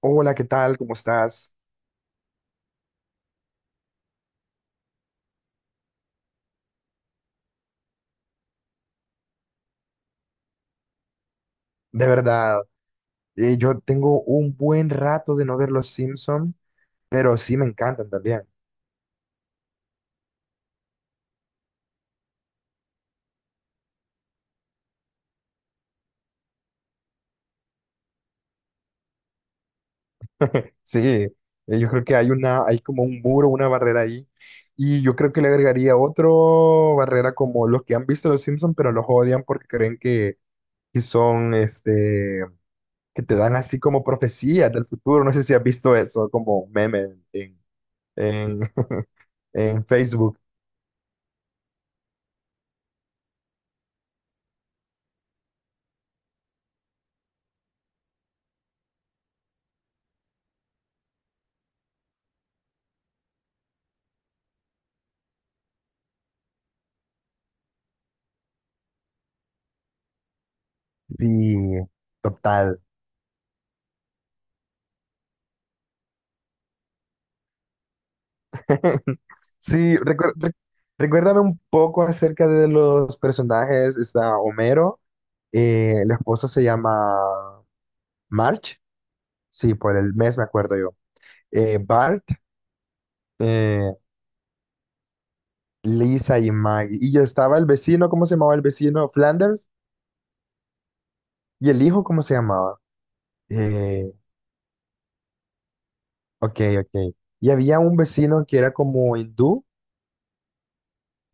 Hola, ¿qué tal? ¿Cómo estás? De verdad, yo tengo un buen rato de no ver los Simpson, pero sí me encantan también. Sí, yo creo que hay una, hay como un muro, una barrera ahí, y yo creo que le agregaría otro barrera como los que han visto los Simpson, pero los odian porque creen que, que son, que te dan así como profecías del futuro. No sé si has visto eso como meme en, en, en Facebook. Sí, total. Sí, recuérdame un poco acerca de los personajes. Está Homero, la esposa se llama March, sí, por el mes me acuerdo yo. Bart, eh, Lisa y Maggie. Y yo estaba el vecino, ¿cómo se llamaba el vecino? Flanders. ¿Y el hijo cómo se llamaba? Eh, ok, ok. Y había un vecino que era como hindú.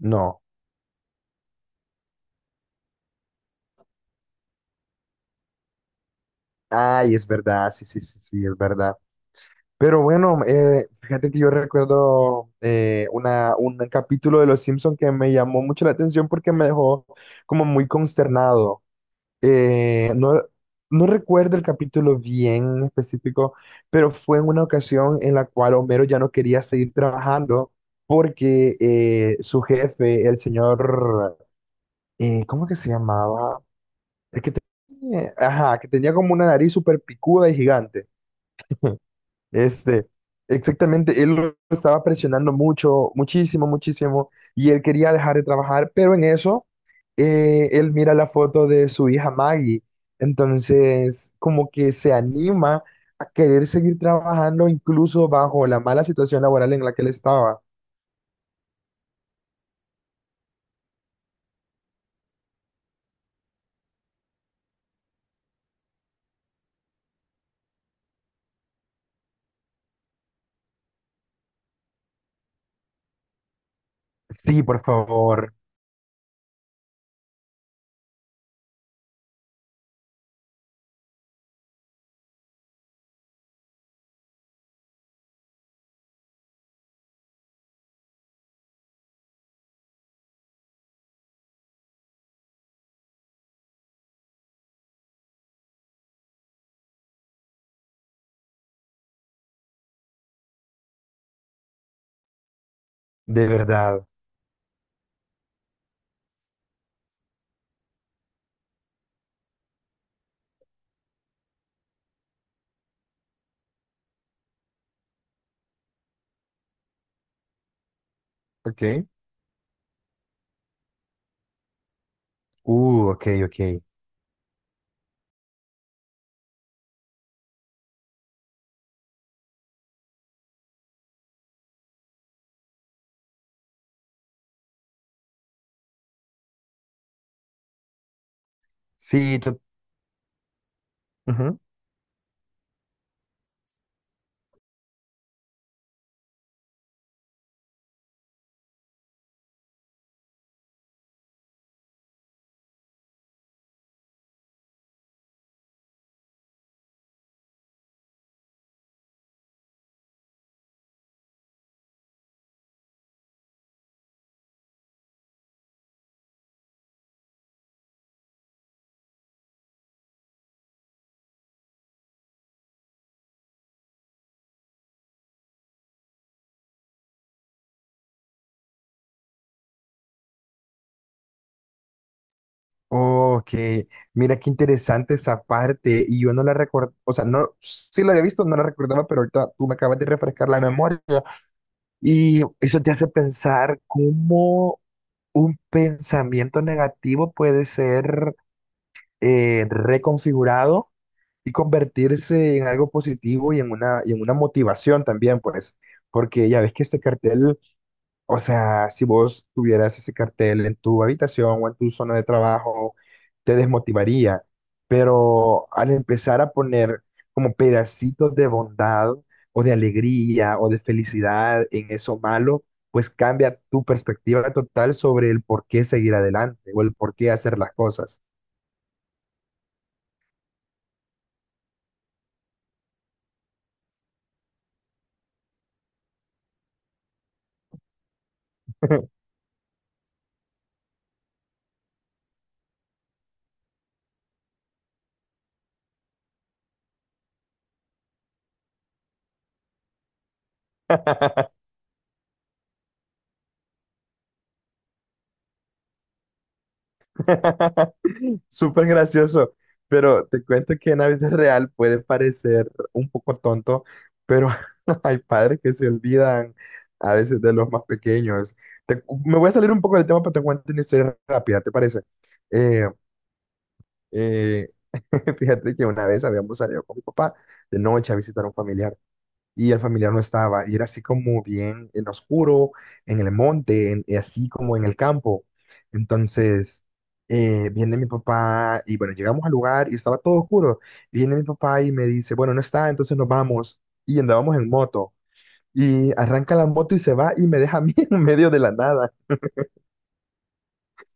No. Ay, es verdad, sí, sí, sí, sí, es verdad. Pero bueno, fíjate que yo recuerdo un capítulo de Los Simpson que me llamó mucho la atención porque me dejó como muy consternado. No, no recuerdo el capítulo bien específico, pero fue en una ocasión en la cual Homero ya no quería seguir trabajando porque su jefe, el señor, ¿cómo que se llamaba? El que tenía, ajá, que tenía como una nariz súper picuda y gigante. Este, exactamente, él lo estaba presionando mucho, muchísimo, muchísimo, y él quería dejar de trabajar, pero en eso, él mira la foto de su hija Maggie, entonces como que se anima a querer seguir trabajando incluso bajo la mala situación laboral en la que él estaba. Sí, por favor, de verdad, ok, ok, ok, sí, ok, mira qué interesante esa parte y yo no la recuerdo, o sea, no, sí la había visto, no la recordaba, pero ahorita tú me acabas de refrescar la memoria y eso te hace pensar cómo un pensamiento negativo puede ser reconfigurado y convertirse en algo positivo y y en una motivación también, pues, porque ya ves que este cartel, o sea, si vos tuvieras ese cartel en tu habitación o en tu zona de trabajo, te desmotivaría. Pero al empezar a poner como pedacitos de bondad o de alegría o de felicidad en eso malo, pues cambia tu perspectiva total sobre el por qué seguir adelante o el por qué hacer las cosas. Súper gracioso, pero te cuento que en la vida real puede parecer un poco tonto, pero hay padres que se olvidan a veces de los más pequeños. Te me voy a salir un poco del tema, pero te cuento una historia rápida, ¿te parece? Eh, eh, fíjate que una vez habíamos salido con mi papá de noche a visitar a un familiar y el familiar no estaba. Y era así como bien en oscuro, en el monte, y así como en el campo. Entonces, viene mi papá y bueno, llegamos al lugar y estaba todo oscuro. Viene mi papá y me dice, bueno, no está, entonces nos vamos. Y andábamos en moto. Y arranca la moto y se va y me deja a mí en medio de la nada.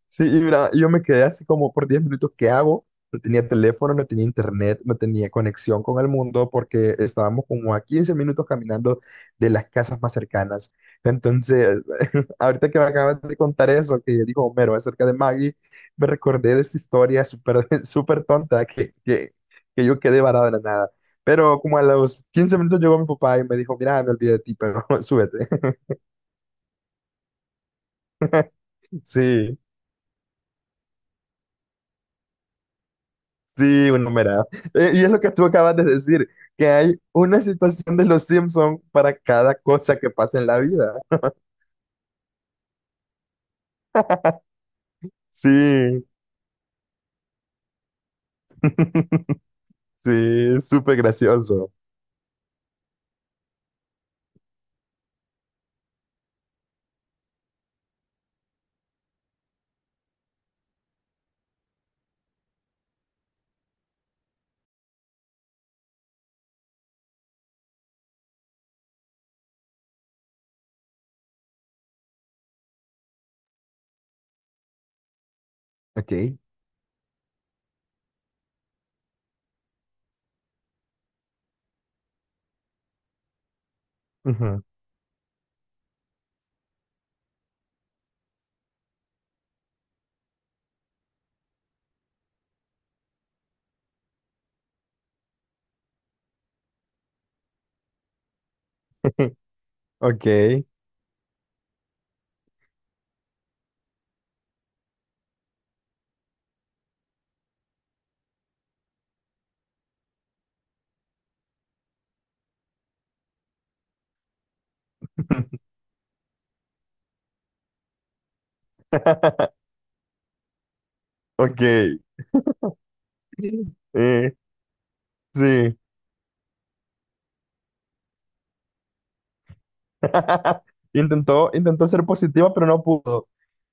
Sí, y mira, yo me quedé así como por 10 minutos, ¿qué hago? No tenía teléfono, no tenía internet, no tenía conexión con el mundo porque estábamos como a 15 minutos caminando de las casas más cercanas. Entonces, ahorita que me acabas de contar eso, que dijo Homero acerca de Maggie, me recordé de esa historia súper súper tonta que yo quedé varado en la nada. Pero como a los 15 minutos llegó mi papá y me dijo, mira, me olvidé de ti, pero súbete. Sí. Sí, un numerado. Y es lo que tú acabas de decir, que hay una situación de los Simpson para cada cosa que pasa en la vida. Sí, sí, súper gracioso. Ok. Ujú, ok. Ok. Eh, sí. Intentó ser positiva, pero no pudo.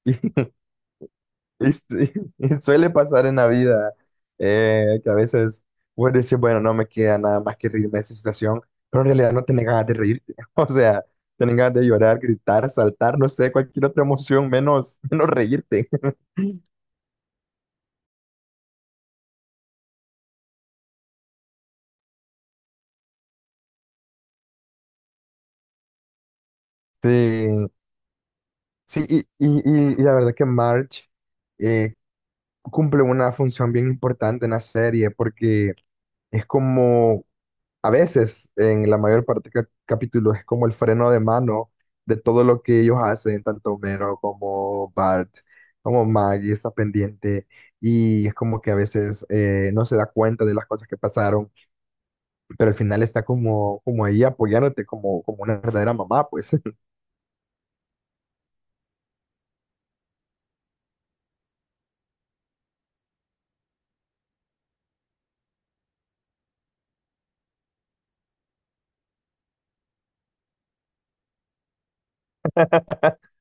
Y sí, y suele pasar en la vida, que a veces vos decís, bueno, no me queda nada más que reírme de esa situación, pero en realidad no tenés ganas de reírte. O sea, tenés ganas de llorar, gritar, saltar, no sé, cualquier otra emoción menos, menos reírte. Sí, sí, y la verdad que Marge, eh, cumple una función bien importante en la serie porque es como, a veces, en la mayor parte de capítulos, es como el freno de mano de todo lo que ellos hacen, tanto Homero como Bart, como Maggie está pendiente, y es como que a veces, no se da cuenta de las cosas que pasaron, pero al final está como ahí apoyándote como una verdadera mamá, pues.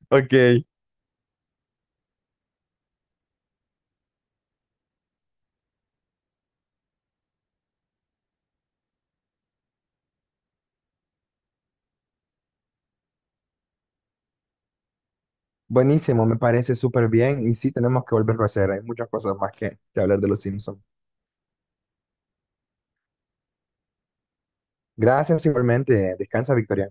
Ok, buenísimo, me parece súper bien y sí, tenemos que volverlo a hacer. Hay muchas cosas más que hablar de los Simpsons. Gracias igualmente, descansa, Victoria.